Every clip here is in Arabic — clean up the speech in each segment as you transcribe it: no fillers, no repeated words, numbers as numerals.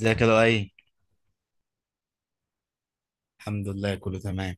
ازيك يا لؤي. الحمد لله، كله تمام.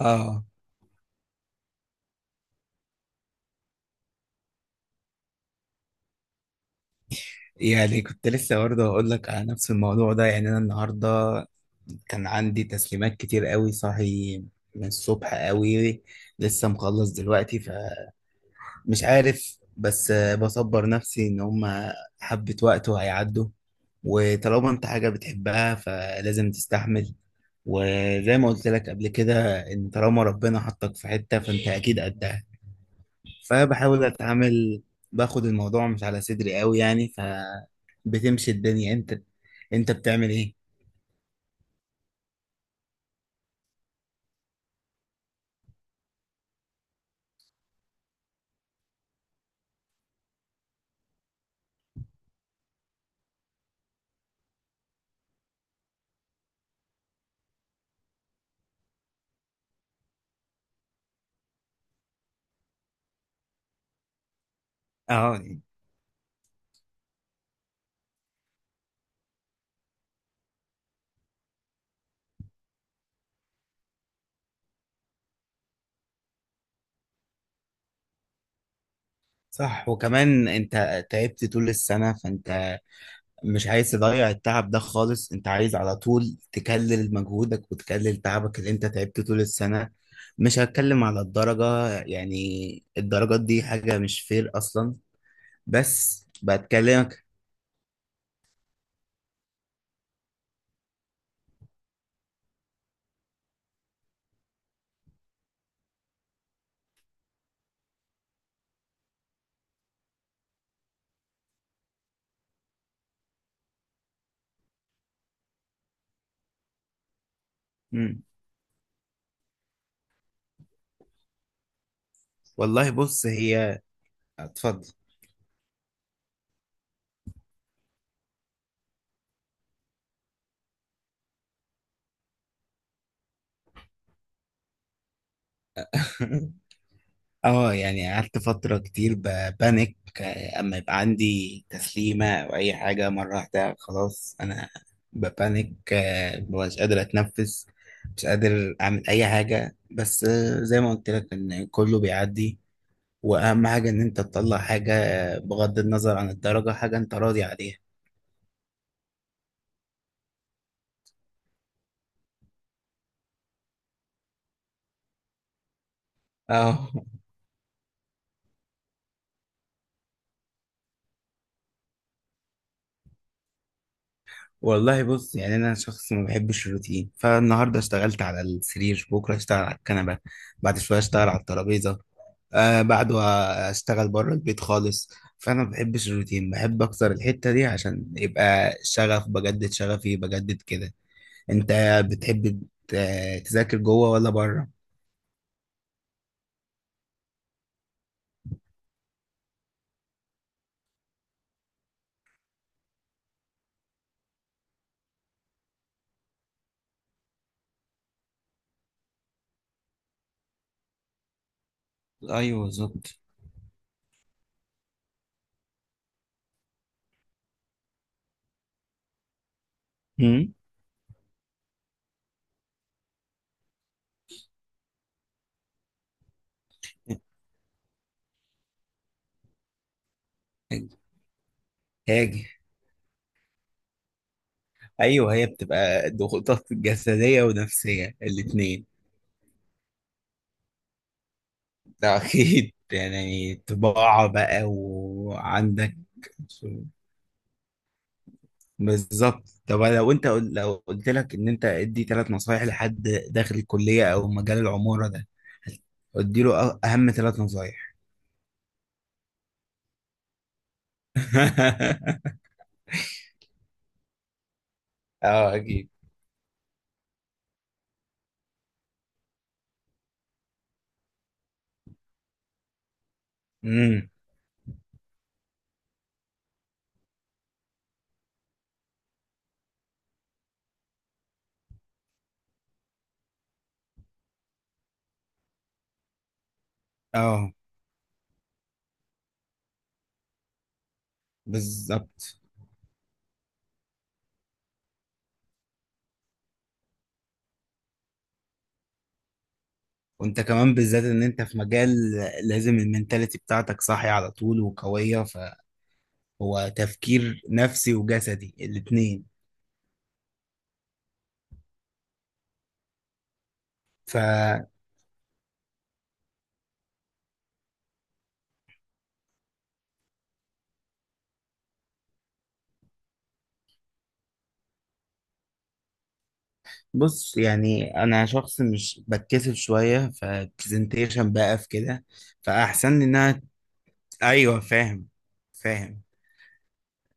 اه، يعني كنت لسه برضه هقول لك على نفس الموضوع ده. يعني انا النهارده كان عندي تسليمات كتير قوي، صاحي من الصبح قوي، لسه مخلص دلوقتي. فمش عارف، بس بصبر نفسي ان هما حبة وقت وهيعدوا. وطالما انت حاجة بتحبها فلازم تستحمل. وزي ما قلت لك قبل كده، ان طالما ربنا حطك في حتة فانت اكيد قدها. فبحاول اتعامل، باخد الموضوع مش على صدري قوي يعني. فبتمشي الدنيا. انت بتعمل ايه؟ اه. صح، وكمان انت تعبت طول السنة، فانت مش عايز تضيع التعب ده خالص. انت عايز على طول تكلل مجهودك وتكلل تعبك اللي انت تعبت طول السنة. مش هتكلم على الدرجة يعني، الدرجات دي حاجة مش فير اصلا، بس بتكلمك. مم. والله بص، هي... اتفضل. اه، يعني قعدت فترة كتير ببانك. اما يبقى عندي تسليمة او اي حاجة مرة واحدة، خلاص انا ببانك، مبقاش قادر اتنفس، مش قادر اعمل اي حاجة. بس زي ما قلت لك ان كله بيعدي. واهم حاجة ان انت تطلع حاجة، بغض النظر عن الدرجة، حاجة انت راضي عليها. اه. والله بص، يعني انا شخص ما بحبش الروتين. فالنهارده اشتغلت على السرير، بكره اشتغل على الكنبه، بعد شويه اشتغل على الترابيزه، بعده اشتغل بره البيت خالص. فانا ما بحبش الروتين، بحب اكتر الحتة دي عشان يبقى شغف، بجدد شغفي بجدد كده. انت بتحب تذاكر جوه ولا بره؟ ايوه بالظبط. هم؟ هاجي. ايوه، هي بتبقى ضغوطات جسديه ونفسيه الاثنين. ده اكيد، يعني طباعه بقى وعندك. بالظبط. طب لو انت لو قلت لك ان انت ادي 3 نصايح لحد داخل الكليه او مجال العماره ده، ادي له اهم 3 نصايح. اه اكيد. امم. اه. بالظبط. وانت كمان، بالذات ان انت في مجال لازم المنتاليتي بتاعتك صاحية على طول وقوية، فهو تفكير نفسي وجسدي الاتنين. فبص، يعني انا شخص مش بتكسف شوية فبرزنتيشن بقى في كده، فاحسن لي ان انا... ايوه، فاهم. فاهم.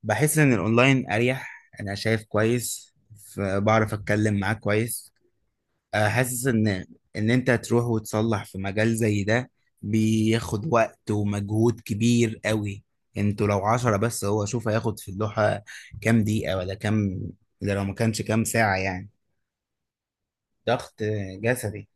بحس ان الاونلاين اريح. انا شايف كويس، بعرف اتكلم معاه كويس. حاسس ان انت تروح وتصلح في مجال زي ده بياخد وقت ومجهود كبير قوي. انتوا لو 10 بس هو شوف هياخد في اللوحة كام دقيقة ولا كام، ده لو ما كانش كام ساعة يعني. ضغط جسدي.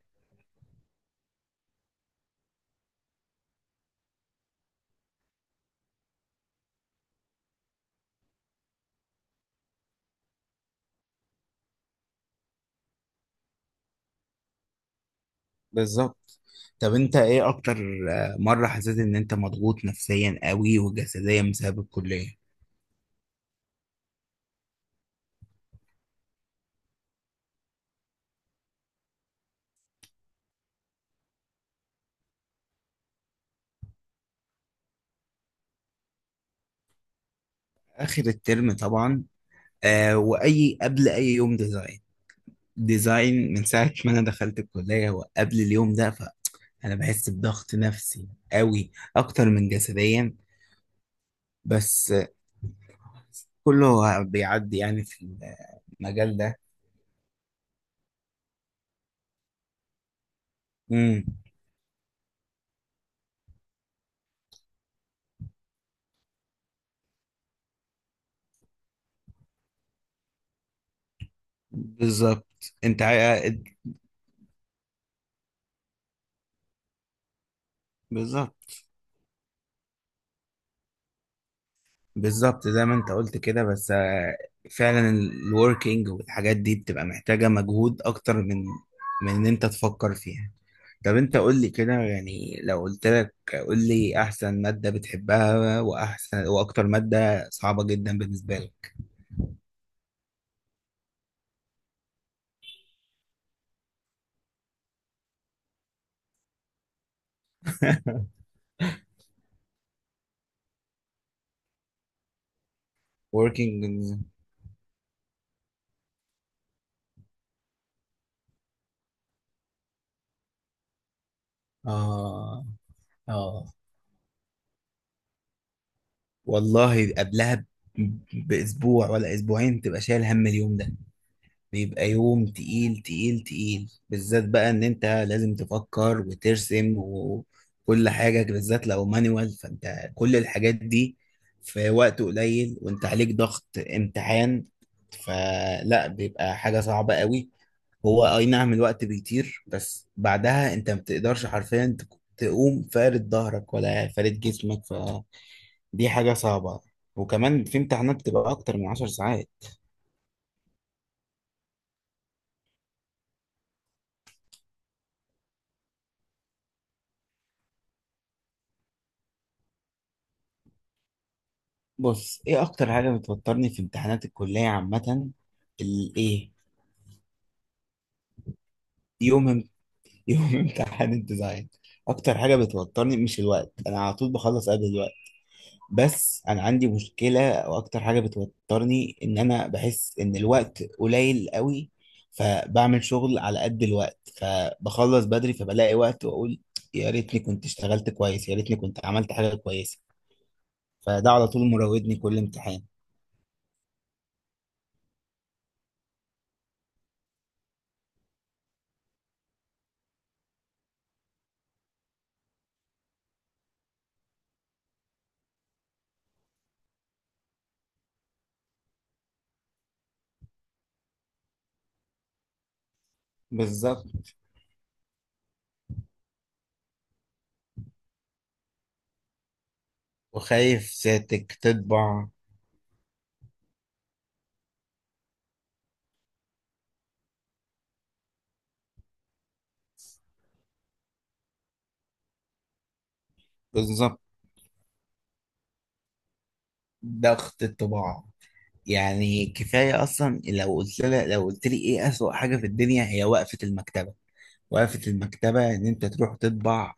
بالظبط. طب انت ايه اكتر مرة حسيت ان انت مضغوط نفسيا قوي وجسديا بسبب الكلية؟ اخر الترم طبعا، واي قبل اي يوم ديزاين. ديزاين من ساعه ما انا دخلت الكليه وقبل اليوم ده، فانا بحس بضغط نفسي قوي اكتر من جسديا. بس كله بيعدي يعني في المجال ده. امم. بالظبط. بالظبط. بالظبط زي ما انت قلت كده، بس فعلا الوركينج والحاجات دي بتبقى محتاجة مجهود اكتر من ان انت تفكر فيها. طب انت قول لي كده، يعني لو قلت لك قول لي احسن مادة بتحبها واحسن واكتر مادة صعبة جدا بالنسبة لك. working in- اه. اه. والله قبلها ب- باسبوع ولا اسبوعين تبقى شايل هم اليوم ده. بيبقى يوم تقيل تقيل تقيل، بالذات بقى ان انت لازم تفكر وترسم وكل حاجة، بالذات لو مانوال، فانت كل الحاجات دي في وقت قليل وانت عليك ضغط امتحان، فلا، بيبقى حاجة صعبة قوي. هو اي نعم الوقت بيطير، بس بعدها انت ما بتقدرش حرفيا تقوم فارد ظهرك ولا فارد جسمك، فدي حاجة صعبة. وكمان في امتحانات بتبقى اكتر من 10 ساعات. بص، ايه اكتر حاجه بتوترني في امتحانات الكليه عامه؟ الايه؟ يوم يوم امتحان الديزاين، اكتر حاجه بتوترني مش الوقت. انا على طول بخلص قبل الوقت، بس انا عندي مشكله، او اكتر حاجه بتوترني، ان انا بحس ان الوقت قليل قوي، فبعمل شغل على قد الوقت فبخلص بدري فبلاقي وقت واقول يا ريتني كنت اشتغلت كويس، يا ريتني كنت عملت حاجه كويسه. فده على طول مراودني كل امتحان. بالظبط، وخايف سيادتك تطبع. بالظبط. ضغط الطباعة، يعني كفاية أصلا لو قلت لي إيه أسوأ حاجة في الدنيا، هي وقفة المكتبة. وقفة المكتبة إن أنت تروح تطبع،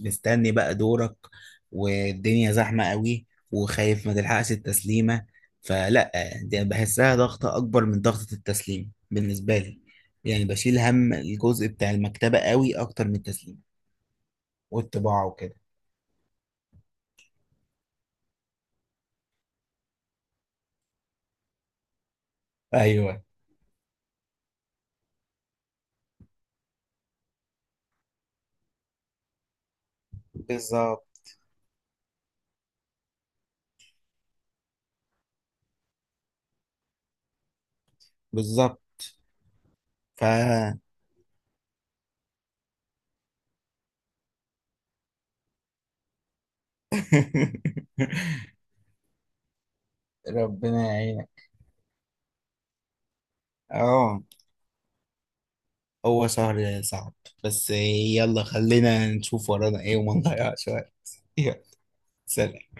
مستني بقى دورك والدنيا زحمة قوي، وخايف ما تلحقش التسليمة. فلا، دي بحسها ضغطة أكبر من ضغطة التسليم بالنسبة لي. يعني بشيل هم الجزء بتاع المكتبة قوي أكتر من التسليم والطباعة وكده. أيوه بالظبط. بالظبط. ف ربنا يعينك. اه، هو شهر صعب، بس يلا خلينا نشوف ورانا ايه وما نضيعش وقت. يلا. سلام.